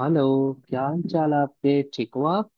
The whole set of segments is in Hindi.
हेलो। क्या हाल चाल है आपके, ठीक हो आप?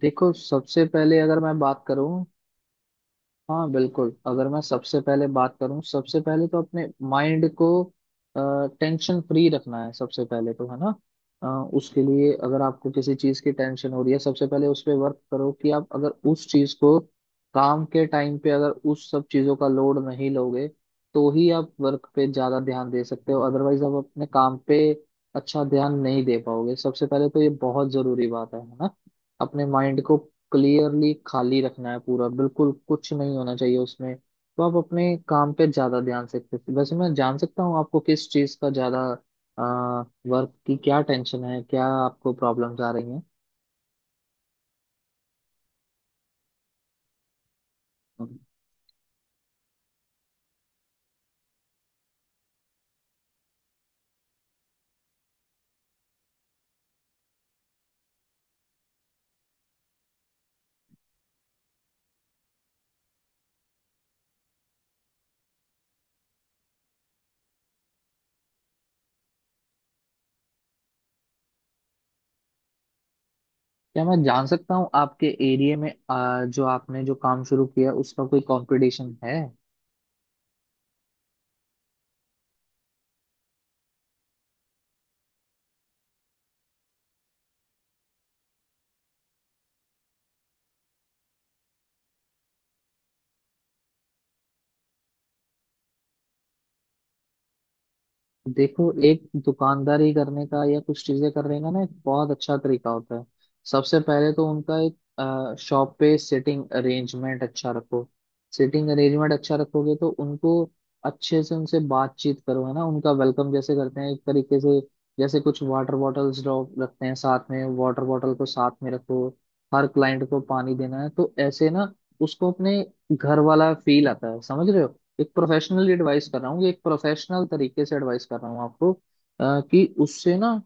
देखो, सबसे पहले अगर मैं बात करूं, हाँ बिल्कुल, अगर मैं सबसे पहले बात करूँ, सबसे पहले तो अपने माइंड को टेंशन फ्री रखना है। सबसे पहले तो है ना। अ, उसके लिए अगर आपको किसी चीज़ की टेंशन हो रही है, सबसे पहले उस पे वर्क करो कि आप अगर उस चीज़ को काम के टाइम पे अगर उस सब चीज़ों का लोड नहीं लोगे, तो ही आप वर्क पे ज़्यादा ध्यान दे सकते हो। अदरवाइज आप अपने काम पे अच्छा ध्यान नहीं दे पाओगे। सबसे पहले तो ये बहुत ज़रूरी बात है, है ना। अपने माइंड को क्लियरली खाली रखना है पूरा, बिल्कुल कुछ नहीं होना चाहिए उसमें, तो आप अपने काम पे ज्यादा ध्यान सकते हैं। वैसे मैं जान सकता हूँ, आपको किस चीज का ज्यादा वर्क की क्या टेंशन है? क्या आपको प्रॉब्लम्स आ रही हैं? क्या मैं जान सकता हूँ आपके एरिया में जो आपने जो काम शुरू किया, उसका कोई कंपटीशन है? देखो, एक दुकानदारी करने का या कुछ चीजें करने का ना एक बहुत अच्छा तरीका होता है। सबसे पहले तो उनका एक शॉप पे सिटिंग अरेंजमेंट अच्छा रखो। सिटिंग अरेंजमेंट अच्छा रखोगे तो उनको अच्छे से उनसे बातचीत करो, है ना। उनका वेलकम जैसे करते हैं एक तरीके से, जैसे कुछ वाटर बॉटल्स रखते हैं साथ में, वाटर बॉटल को साथ में रखो। हर क्लाइंट को पानी देना है, तो ऐसे ना उसको अपने घर वाला फील आता है, समझ रहे हो? एक प्रोफेशनली एडवाइस कर रहा हूँ, एक प्रोफेशनल तरीके से एडवाइस कर रहा हूँ आपको कि उससे ना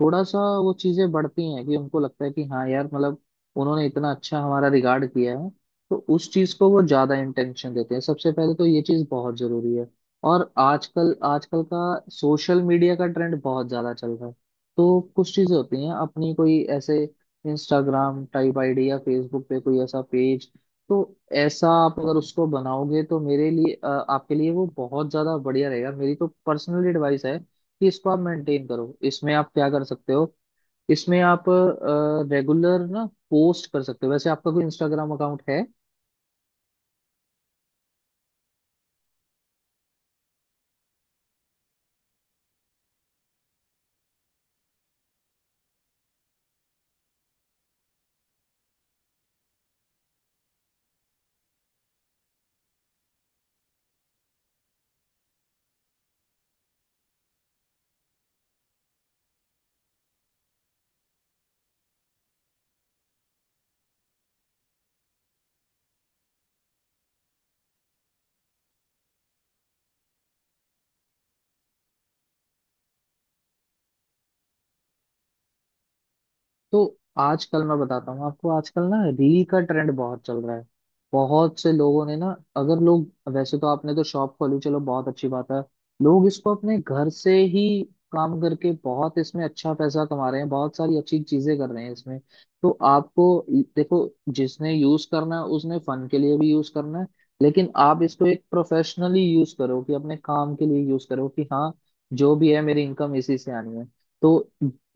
थोड़ा सा वो चीजें बढ़ती हैं कि उनको लगता है कि हाँ यार, मतलब उन्होंने इतना अच्छा हमारा रिगार्ड किया है, तो उस चीज को वो ज्यादा इंटेंशन देते हैं। सबसे पहले तो ये चीज बहुत जरूरी है। और आजकल आजकल का सोशल मीडिया का ट्रेंड बहुत ज्यादा चल रहा है। तो कुछ चीजें होती हैं अपनी, कोई ऐसे इंस्टाग्राम टाइप आईडी या फेसबुक पे कोई ऐसा पेज, तो ऐसा आप अगर उसको बनाओगे तो मेरे लिए आपके लिए वो बहुत ज्यादा बढ़िया रहेगा। मेरी तो पर्सनल एडवाइस है कि इसको आप मेंटेन करो। इसमें आप क्या कर सकते हो, इसमें आप रेगुलर ना पोस्ट कर सकते हो। वैसे आपका कोई इंस्टाग्राम अकाउंट है? तो आजकल मैं बताता हूँ आपको, आजकल ना रील का ट्रेंड बहुत चल रहा है। बहुत से लोगों ने ना, अगर लोग, वैसे तो आपने तो शॉप खोली, चलो बहुत अच्छी बात है। लोग इसको अपने घर से ही काम करके बहुत इसमें अच्छा पैसा कमा रहे हैं, बहुत सारी अच्छी चीजें कर रहे हैं इसमें। तो आपको, देखो, जिसने यूज करना है उसने फन के लिए भी यूज करना है, लेकिन आप इसको एक प्रोफेशनली यूज करो, कि अपने काम के लिए यूज करो कि हाँ, जो भी है मेरी इनकम इसी से आनी है। तो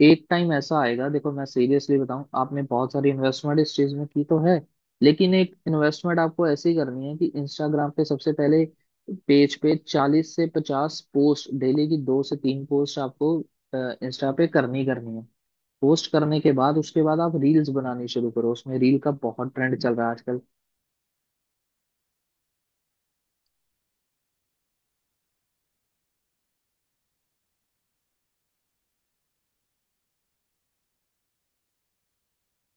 एक टाइम ऐसा आएगा, देखो मैं सीरियसली बताऊं, आपने बहुत सारी इन्वेस्टमेंट इस चीज में की तो है, लेकिन एक इन्वेस्टमेंट आपको ऐसी करनी है कि इंस्टाग्राम पे सबसे पहले पेज पे 40 से 50 पोस्ट, डेली की 2 से 3 पोस्ट आपको इंस्टा पे करनी ही करनी है। पोस्ट करने के बाद, उसके बाद आप रील्स बनानी शुरू करो। उसमें रील का बहुत ट्रेंड चल रहा है आजकल।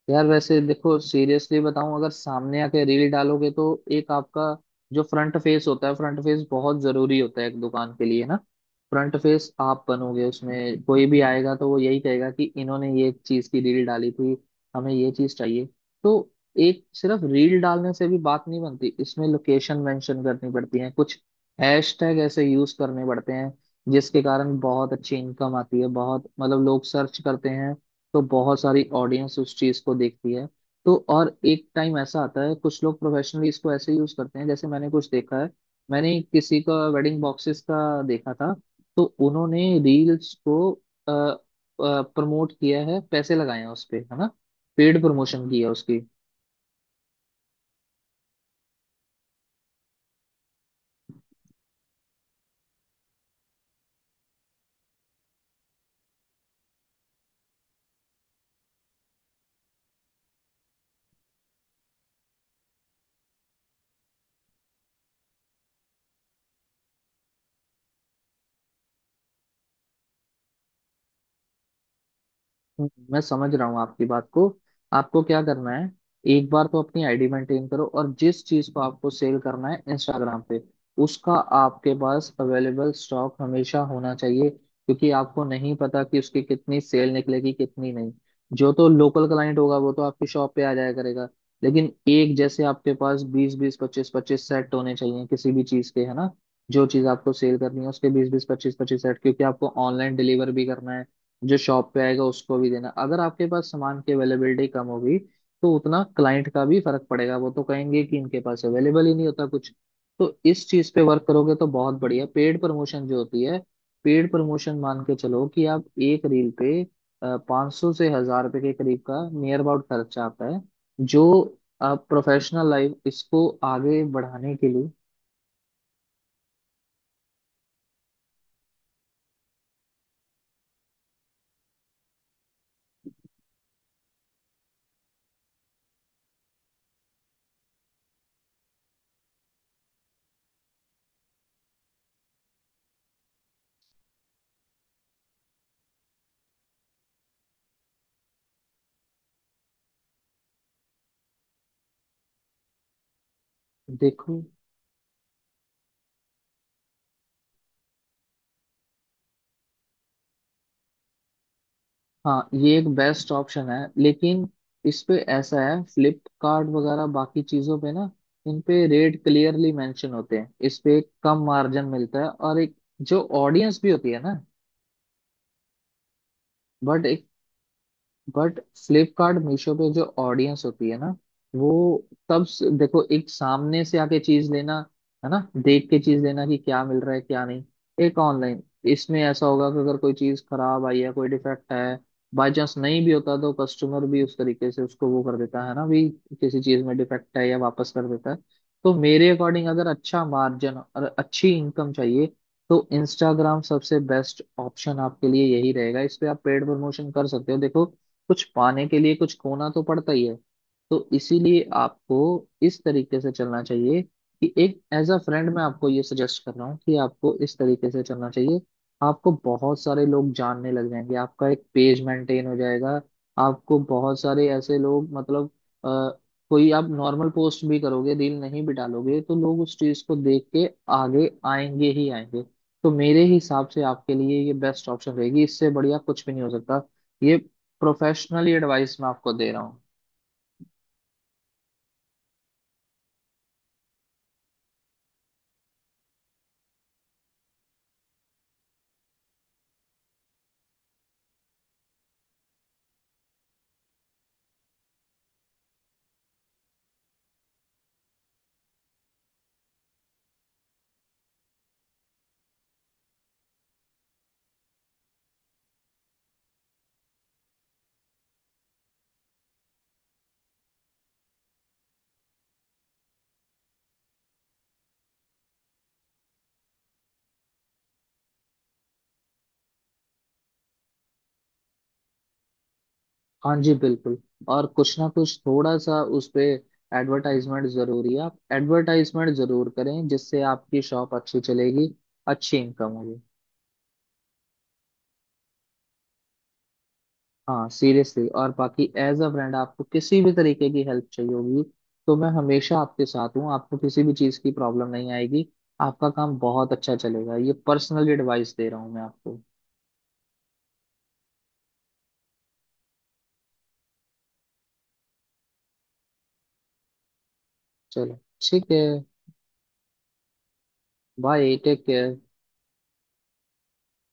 यार वैसे देखो सीरियसली बताऊं, अगर सामने आके रील डालोगे तो एक आपका जो फ्रंट फेस होता है, फ्रंट फेस बहुत जरूरी होता है एक दुकान के लिए ना। फ्रंट फेस आप बनोगे, उसमें कोई भी आएगा तो वो यही कहेगा कि इन्होंने ये चीज की रील डाली थी, हमें ये चीज चाहिए। तो एक सिर्फ रील डालने से भी बात नहीं बनती, इसमें लोकेशन मेंशन करनी पड़ती है, कुछ हैशटैग ऐसे यूज करने पड़ते हैं जिसके कारण बहुत अच्छी इनकम आती है। बहुत, मतलब लोग सर्च करते हैं, तो बहुत सारी ऑडियंस उस चीज को देखती है। तो और एक टाइम ऐसा आता है कुछ लोग प्रोफेशनली इसको ऐसे यूज करते हैं, जैसे मैंने कुछ देखा है, मैंने किसी का वेडिंग बॉक्सेस का देखा था। तो उन्होंने रील्स को प्रमोट किया है, पैसे लगाए हैं उस पे, है ना, पेड प्रमोशन किया है उसकी। मैं समझ रहा हूँ आपकी बात को। आपको क्या करना है, एक बार तो अपनी आईडी मेंटेन करो, और जिस चीज को आपको सेल करना है इंस्टाग्राम पे, उसका आपके पास अवेलेबल स्टॉक हमेशा होना चाहिए, क्योंकि आपको नहीं पता कि उसकी कितनी सेल निकलेगी कितनी नहीं। जो तो लोकल क्लाइंट होगा वो तो आपकी शॉप पे आ जाया करेगा, लेकिन एक जैसे आपके पास बीस बीस, पच्चीस पच्चीस सेट होने चाहिए किसी भी चीज के, है ना। जो चीज आपको सेल करनी है उसके बीस बीस, पच्चीस पच्चीस सेट, क्योंकि आपको ऑनलाइन डिलीवर भी करना है, जो शॉप पे आएगा उसको भी देना। अगर आपके पास सामान की अवेलेबिलिटी कम होगी तो उतना क्लाइंट का भी फर्क पड़ेगा, वो तो कहेंगे कि इनके पास अवेलेबल ही नहीं होता कुछ। तो इस चीज पे वर्क करोगे तो बहुत बढ़िया। पेड प्रमोशन जो होती है, पेड प्रमोशन मान के चलो कि आप एक रील पे 500 से 1,000 रुपए के करीब का नियर अबाउट खर्चा आता है, जो आप प्रोफेशनल लाइफ इसको आगे बढ़ाने के लिए। देखो, हाँ ये एक बेस्ट ऑप्शन है, लेकिन इस पे ऐसा है, फ्लिपकार्ट वगैरह बाकी चीजों पे ना, इन पे रेट क्लियरली मेंशन होते हैं, इस पे एक कम मार्जिन मिलता है, और एक जो ऑडियंस भी होती है ना, बट एक बट फ्लिपकार्ट मीशो पे जो ऑडियंस होती है ना, वो, देखो एक सामने से आके चीज लेना, है ना, देख के चीज लेना कि क्या मिल रहा है क्या नहीं, एक ऑनलाइन इसमें ऐसा होगा कि अगर कोई चीज खराब आई है, कोई डिफेक्ट है, बाय चांस नहीं भी होता तो कस्टमर भी उस तरीके से उसको वो कर देता है, ना भी किसी चीज में डिफेक्ट है या वापस कर देता है। तो मेरे अकॉर्डिंग, अगर अच्छा मार्जिन और अच्छी इनकम चाहिए तो इंस्टाग्राम सबसे बेस्ट ऑप्शन आपके लिए यही रहेगा। इस पे आप पेड प्रमोशन कर सकते हो। देखो, कुछ पाने के लिए कुछ खोना तो पड़ता ही है, तो इसीलिए आपको इस तरीके से चलना चाहिए, कि एक एज अ फ्रेंड मैं आपको ये सजेस्ट कर रहा हूँ कि आपको इस तरीके से चलना चाहिए। आपको बहुत सारे लोग जानने लग जाएंगे, आपका एक पेज मेंटेन हो जाएगा, आपको बहुत सारे ऐसे लोग, मतलब अ, कोई आप नॉर्मल पोस्ट भी करोगे, रील नहीं भी डालोगे तो लोग उस चीज को देख के आगे आएंगे ही आएंगे। तो मेरे हिसाब से आपके लिए ये बेस्ट ऑप्शन रहेगी, इससे बढ़िया कुछ भी नहीं हो सकता। ये प्रोफेशनली एडवाइस मैं आपको दे रहा हूँ। हाँ जी बिल्कुल। और कुछ ना कुछ थोड़ा सा उस पे एडवर्टाइजमेंट जरूरी है, आप एडवर्टाइजमेंट जरूर करें, जिससे आपकी शॉप अच्छी चलेगी, अच्छी इनकम होगी। हाँ सीरियसली, और बाकी एज अ ब्रांड आपको किसी भी तरीके की हेल्प चाहिए होगी तो मैं हमेशा आपके साथ हूँ, आपको किसी भी चीज़ की प्रॉब्लम नहीं आएगी, आपका काम बहुत अच्छा चलेगा। ये पर्सनल एडवाइस दे रहा हूँ मैं आपको। चलो, ठीक है। Bye, take care.